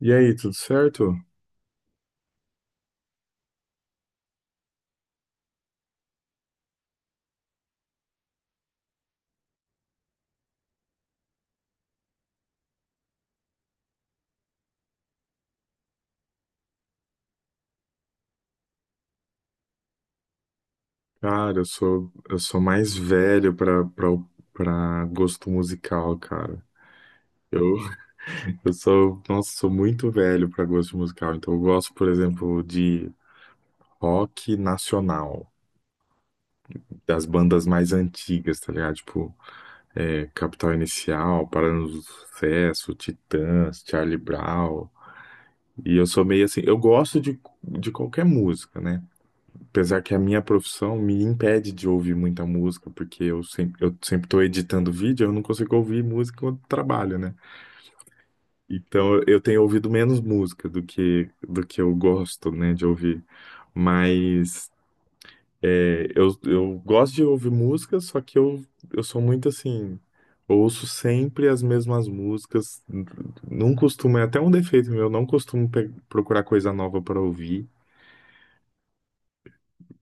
E aí, tudo certo? Cara, eu sou mais velho pra gosto musical, cara. Eu, eu sou, nossa, sou muito velho pra gosto musical. Então, eu gosto, por exemplo, de rock nacional, das bandas mais antigas, tá ligado? Tipo, Capital Inicial, Paralamas do Sucesso, Titãs, Charlie Brown. E eu sou meio assim, eu gosto de qualquer música, né? Apesar que a minha profissão me impede de ouvir muita música, porque eu sempre estou editando vídeo, eu não consigo ouvir música quando trabalho, né? Então eu tenho ouvido menos música do que eu gosto, né, de ouvir. Mas eu gosto de ouvir música, só que eu sou muito assim, eu ouço sempre as mesmas músicas, não costumo, é até um defeito meu, eu não costumo procurar coisa nova para ouvir.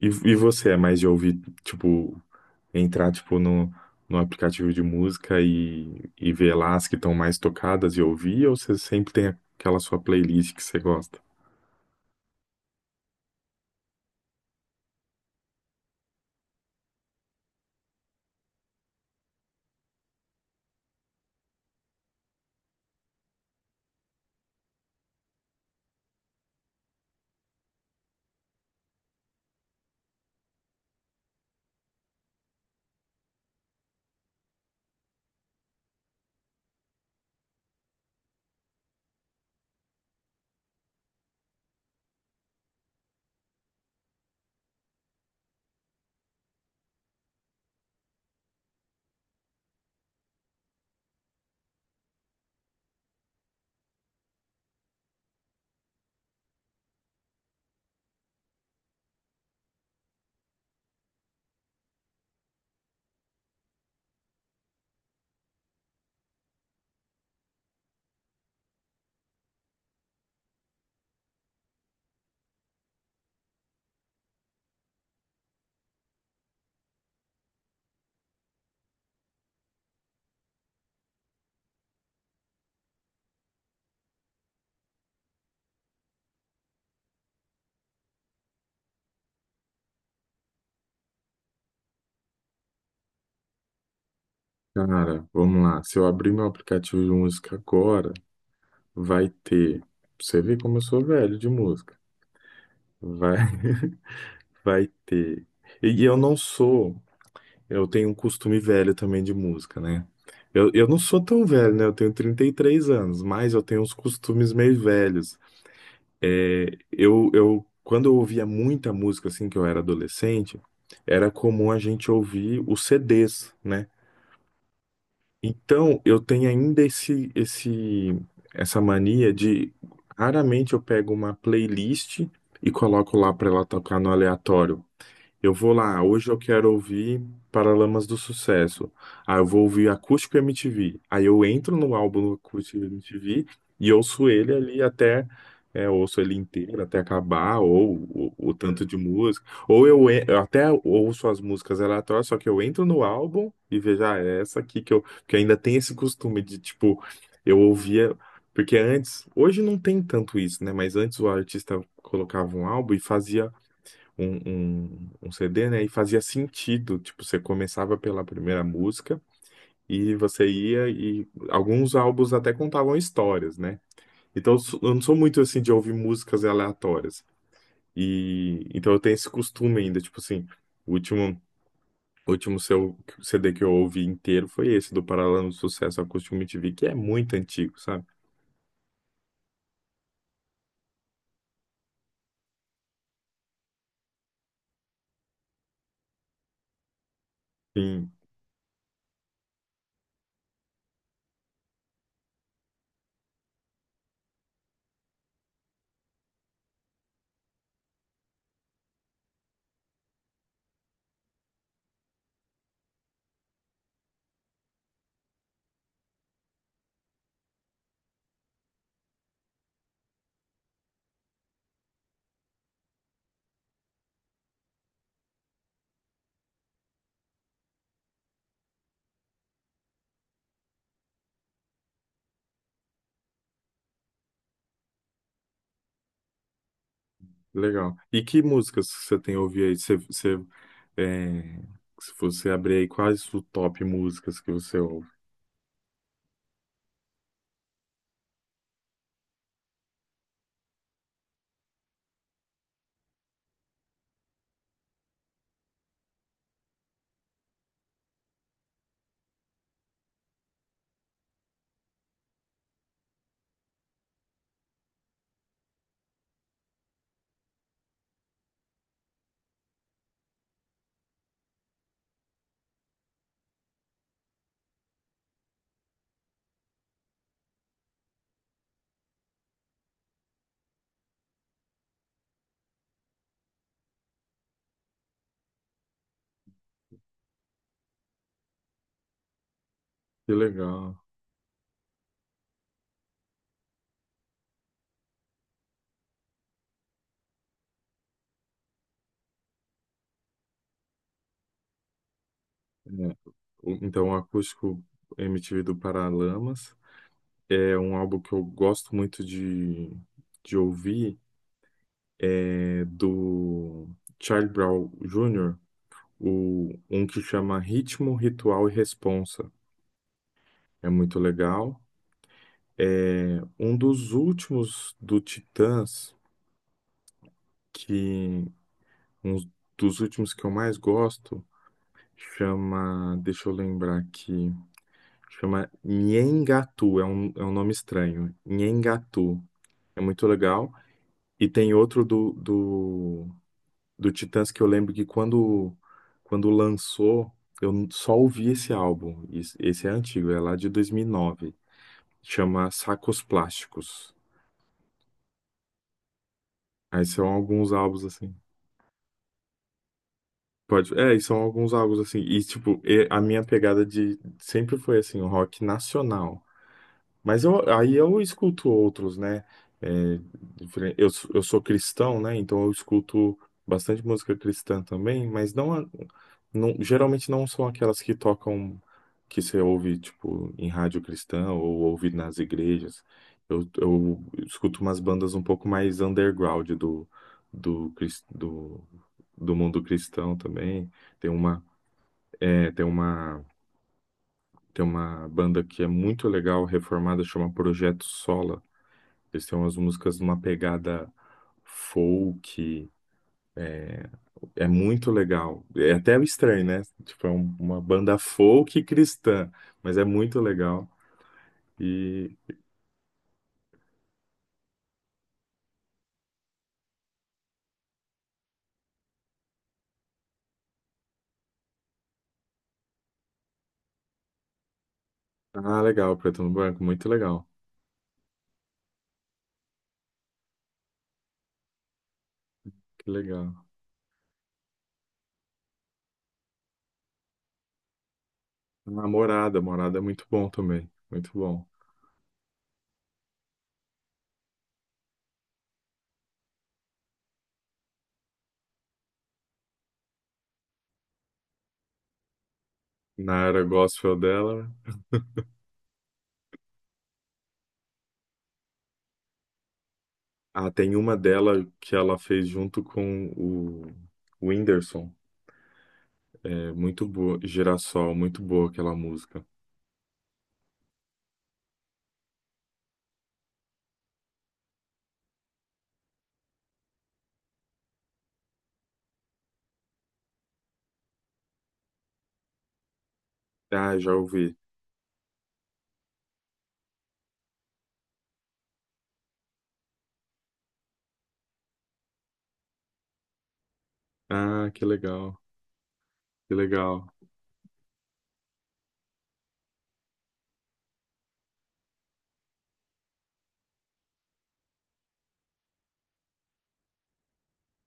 E você é mais de ouvir, tipo, entrar, tipo, no aplicativo de música e ver lá as que estão mais tocadas e ouvir, ou você sempre tem aquela sua playlist que você gosta? Cara, vamos lá. Se eu abrir meu aplicativo de música agora, vai ter. Pra você vê como eu sou velho de música. Vai, vai ter. E eu não sou. Eu tenho um costume velho também de música, né? Eu não sou tão velho, né? Eu tenho 33 anos, mas eu tenho uns costumes meio velhos. É, eu, quando eu ouvia muita música assim que eu era adolescente, era comum a gente ouvir os CDs, né? Então eu tenho ainda essa mania de raramente eu pego uma playlist e coloco lá para ela tocar no aleatório. Eu vou lá, hoje eu quero ouvir Paralamas do Sucesso. Ah, eu vou ouvir Acústico MTV. Aí eu entro no álbum do Acústico MTV e ouço ele ali até, ouço ele inteiro até acabar, ou o tanto de música. Ou eu até ouço as músicas aleatórias, só que eu entro no álbum e vejo, ah, é essa aqui que eu. Porque ainda tem esse costume de, tipo, eu ouvia. Porque antes, hoje não tem tanto isso, né? Mas antes o artista colocava um álbum e fazia um CD, né? E fazia sentido, tipo, você começava pela primeira música e você ia e alguns álbuns até contavam histórias, né? Então eu não sou muito assim de ouvir músicas aleatórias. E então eu tenho esse costume ainda, tipo assim, o último o último seu CD que eu ouvi inteiro foi esse do Paralelo do Sucesso Acústico MTV, que é muito antigo, sabe? Sim. Legal. E que músicas que você tem ouvido aí? Você, é, se você abrir aí, quais o top músicas que você ouve? Que legal. É. Então, o Acústico MTV do Paralamas é um álbum que eu gosto muito de ouvir, é do Charlie Brown Jr., um que chama Ritmo, Ritual e Responsa. É muito legal. É um dos últimos do Titãs que um dos últimos que eu mais gosto chama. Deixa eu lembrar aqui. Chama Nhengatu. É um nome estranho. Nhengatu. É muito legal. E tem outro do Titãs que eu lembro que quando, quando lançou, eu só ouvi esse álbum. Esse é antigo, é lá de dois mil e nove. Chama Sacos Plásticos. Aí são alguns álbuns assim. Pode. É, e são alguns álbuns assim. E, tipo, a minha pegada de. Sempre foi assim, o rock nacional. Mas aí eu escuto outros, né? É, eu sou cristão, né? Então eu escuto bastante música cristã também, mas geralmente não são aquelas que tocam, que você ouve, tipo, em rádio cristã ou ouve nas igrejas. Eu escuto umas bandas um pouco mais underground do do mundo cristão também. Tem uma, é, tem uma, tem uma banda que é muito legal, reformada, chama Projeto Sola. Eles têm umas músicas numa pegada folk, é muito legal. É até estranho, né? Tipo, uma banda folk cristã, mas é muito legal. E ah, legal, Preto no Branco, muito legal. Que legal. A Morada, Morada é muito bom também, muito bom. Na era gospel dela, né? Ah, tem uma dela que ela fez junto com o Whindersson. É muito boa, Girassol, muito boa aquela música. Ah, já ouvi. Ah, que legal, que legal.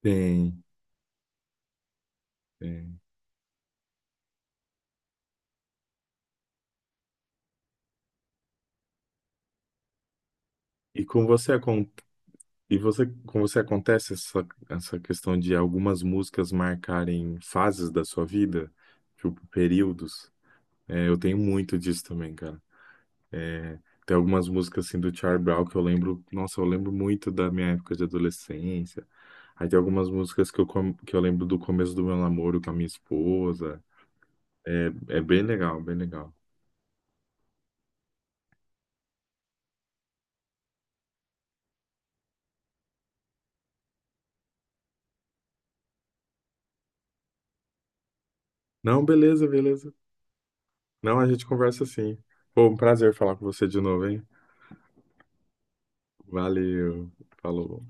Tem, tem. E com você, com você acontece essa questão de algumas músicas marcarem fases da sua vida, tipo períodos? É, eu tenho muito disso também, cara. Tem algumas músicas assim do Charlie Brown que eu lembro, nossa, eu lembro muito da minha época de adolescência. Aí tem algumas músicas que que eu lembro do começo do meu namoro com a minha esposa. É, é bem legal, bem legal. Não, beleza, beleza. Não, a gente conversa assim. Pô, um prazer falar com você de novo, hein? Valeu. Falou.